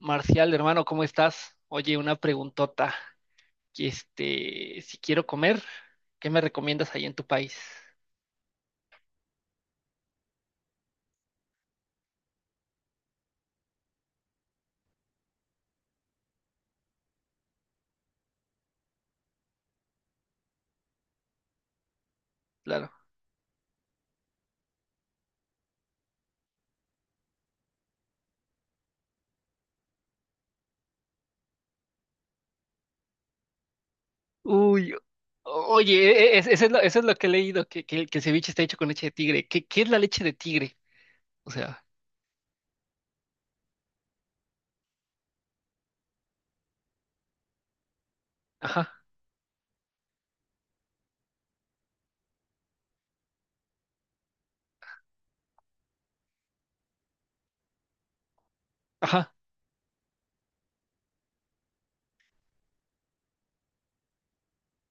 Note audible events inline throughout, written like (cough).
Marcial, hermano, ¿cómo estás? Oye, una preguntota si quiero comer, ¿qué me recomiendas ahí en tu país? Claro. Uy, o- oye, e- e- es- eso es eso es lo que he leído, que el ceviche está hecho con leche de tigre. ¿Qué es la leche de tigre? O sea, ajá, ajá,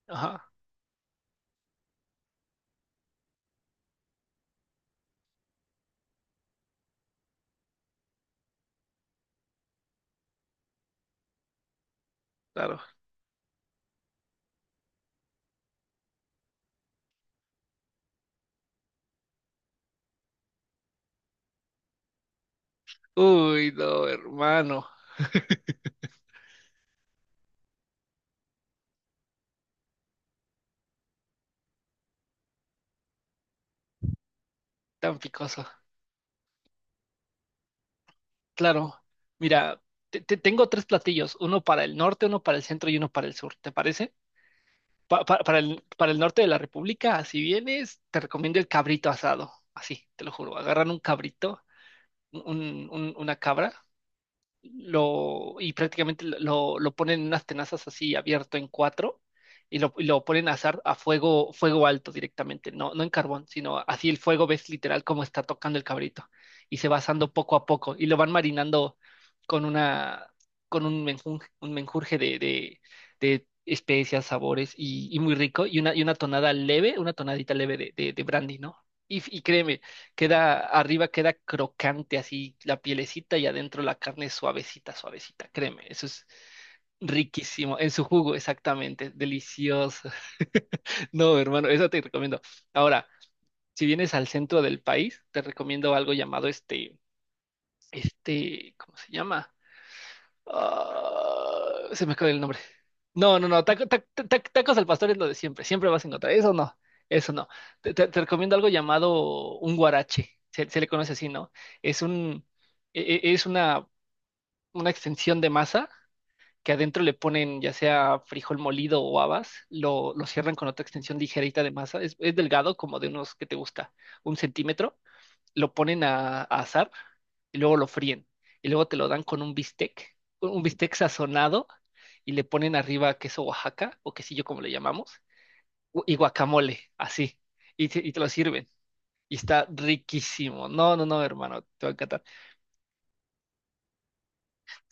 ajá, claro. Uy, no, hermano, tan picoso. Claro, mira, tengo tres platillos, uno para el norte, uno para el centro y uno para el sur, ¿te parece? Para el norte de la República, si vienes, te recomiendo el cabrito asado. Así, te lo juro. Agarran un cabrito, una cabra, lo, y prácticamente lo ponen en unas tenazas así abierto en cuatro y lo ponen a azar a fuego, fuego alto directamente, no, no en carbón, sino así el fuego ves literal cómo está tocando el cabrito y se va asando poco a poco y lo van marinando con una, con un menjunje, un menjurje de especias, sabores y muy rico y una tonada leve, una tonadita leve de brandy, ¿no? Y créeme, queda, arriba queda crocante así la pielecita y adentro la carne suavecita, suavecita, créeme, eso es riquísimo, en su jugo, exactamente, delicioso. (laughs) No, hermano, eso te recomiendo. Ahora, si vienes al centro del país, te recomiendo algo llamado ¿cómo se llama? Ah, se me acaba el nombre. No, no, no. Tacos al pastor es lo de siempre. Siempre vas a encontrar. Eso no. Eso no. Te recomiendo algo llamado un guarache. Se le conoce así, ¿no? Es un, e- e- es una extensión de masa que adentro le ponen ya sea frijol molido o habas. Lo cierran con otra extensión ligerita de masa. Es delgado, como de unos que te gusta, un centímetro. Lo ponen a asar y luego lo fríen. Y luego te lo dan con un bistec sazonado y le ponen arriba queso Oaxaca o quesillo, como le llamamos, y guacamole, así. Y te lo sirven. Y está riquísimo. No, no, no, hermano, te va a encantar.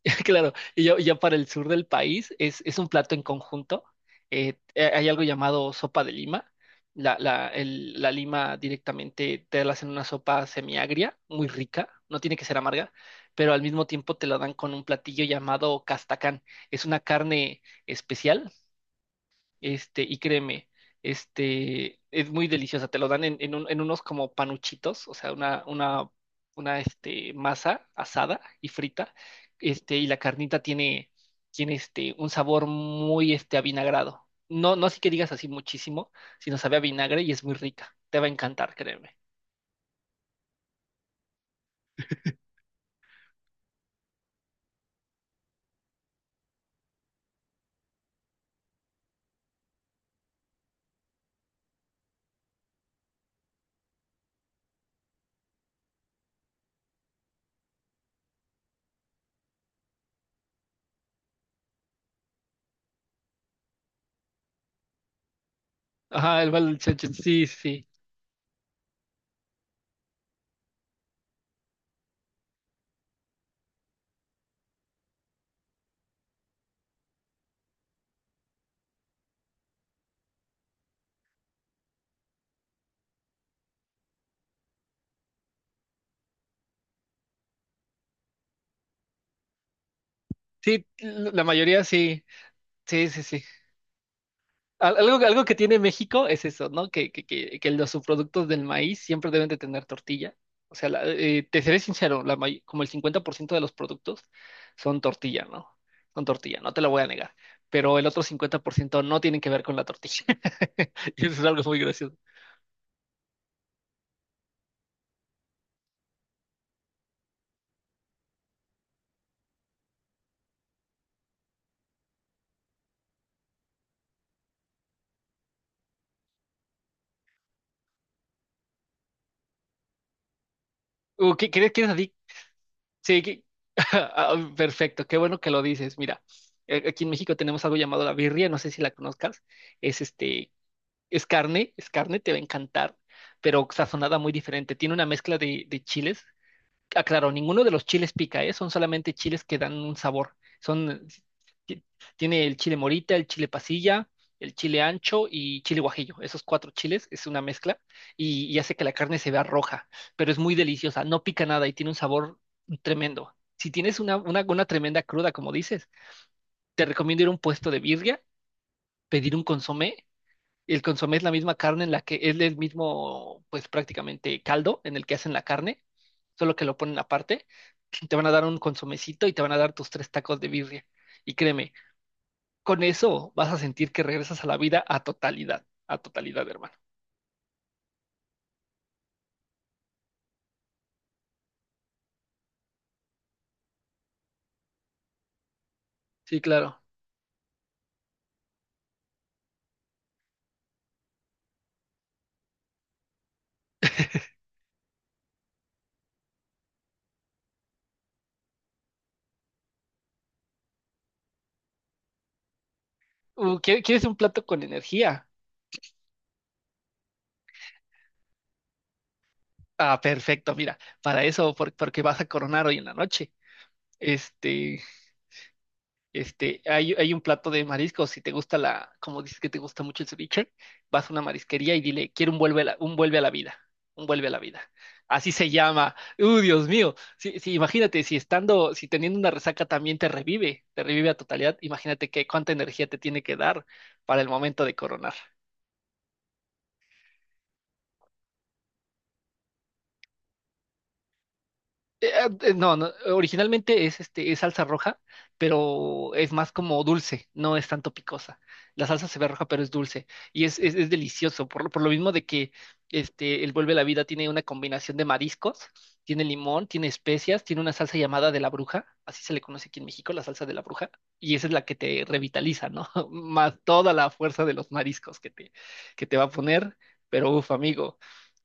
(laughs) Claro, y ya, ya para el sur del país es un plato en conjunto. Hay algo llamado sopa de lima. La lima directamente te la hacen una sopa semiagria, muy rica, no tiene que ser amarga, pero al mismo tiempo te la dan con un platillo llamado castacán. Es una carne especial, y créeme, es muy deliciosa. Te lo dan en unos como panuchitos, o sea, una masa asada y frita. Y la carnita tiene, tiene un sabor muy, avinagrado. No, no así que digas así muchísimo, sino sabe a vinagre y es muy rica. Te va a encantar, créeme. Ajá, el balón, sí, sí. Sí, sí, la mayoría sí. Sí, sí, sí. Algo, algo que tiene México es eso, ¿no? Que los subproductos del maíz siempre deben de tener tortilla. O sea, te seré sincero, como el 50% de los productos son tortilla, ¿no? Son tortilla, no te lo voy a negar. Pero el otro 50% no tienen que ver con la tortilla. (laughs) Y eso es algo muy gracioso. ¿ Qué es así? Sí, que. (laughs) Ah, perfecto, qué bueno que lo dices. Mira, aquí en México tenemos algo llamado la birria, no sé si la conozcas. Es este, es carne, es carne, te va a encantar, pero sazonada muy diferente. Tiene una mezcla de chiles. Ah, claro, ninguno de los chiles pica, ¿eh? Son solamente chiles que dan un sabor. Son, ti- tiene el chile morita, el chile pasilla, el chile ancho y chile guajillo. Esos cuatro chiles es una mezcla y hace que la carne se vea roja, pero es muy deliciosa, no pica nada y tiene un sabor tremendo. Si tienes una tremenda cruda, como dices, te recomiendo ir a un puesto de birria, pedir un consomé. El consomé es la misma carne en la que es el mismo, pues prácticamente caldo en el que hacen la carne, solo que lo ponen aparte. Te van a dar un consomecito y te van a dar tus tres tacos de birria. Y créeme, con eso vas a sentir que regresas a la vida a totalidad, hermano. Sí, claro. ¿ ¿Quieres un plato con energía? Ah, perfecto, mira, para eso, porque vas a coronar hoy en la noche. Este, Hay, hay un plato de mariscos. Si te gusta la, como dices que te gusta mucho el ceviche, vas a una marisquería y dile, quiero un vuelve a la vida, un vuelve a la vida. Así se llama. ¡Uh, Dios mío! Sí, sí, imagínate, si estando, si teniendo una resaca también te revive a totalidad, imagínate qué cuánta energía te tiene que dar para el momento de coronar. No, no, originalmente es es salsa roja, pero es más como dulce, no es tanto picosa. La salsa se ve roja, pero es dulce y es delicioso, por lo mismo de que el Vuelve a la Vida tiene una combinación de mariscos, tiene limón, tiene especias, tiene una salsa llamada de la bruja, así se le conoce aquí en México, la salsa de la bruja, y esa es la que te revitaliza, ¿no? (laughs) Más toda la fuerza de los mariscos que te va a poner, pero uf, amigo.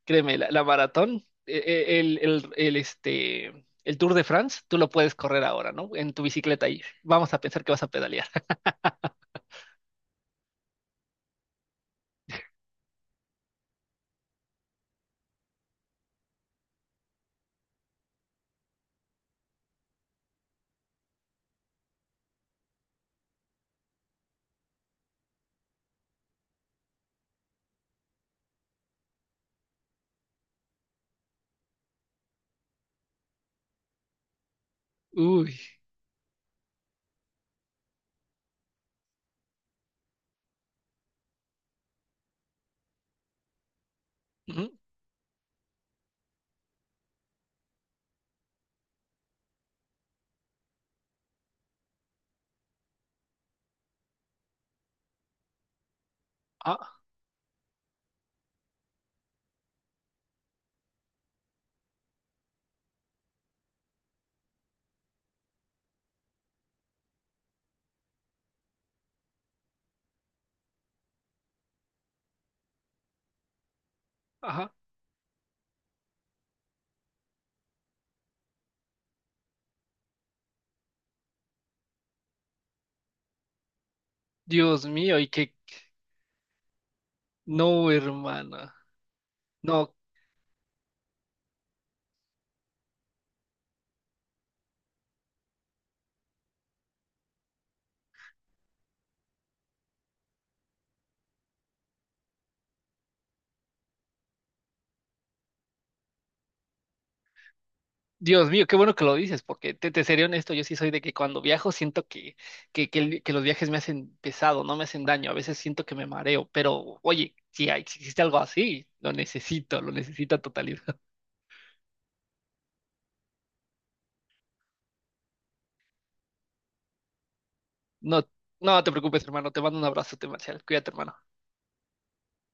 Créeme, la maratón, el Tour de France, tú lo puedes correr ahora, ¿no? En tu bicicleta y vamos a pensar que vas a pedalear. (laughs) Uy, ujú, ah, ajá. Dios mío, y que no, hermana. No, Dios mío, qué bueno que lo dices, porque te seré honesto, yo sí soy de que cuando viajo siento que los viajes me hacen pesado, no me hacen daño, a veces siento que me mareo, pero oye, si hay, si existe algo así, lo necesito a totalidad. No, no te preocupes, hermano. Te mando un abrazo, Marcial. Cuídate, hermano.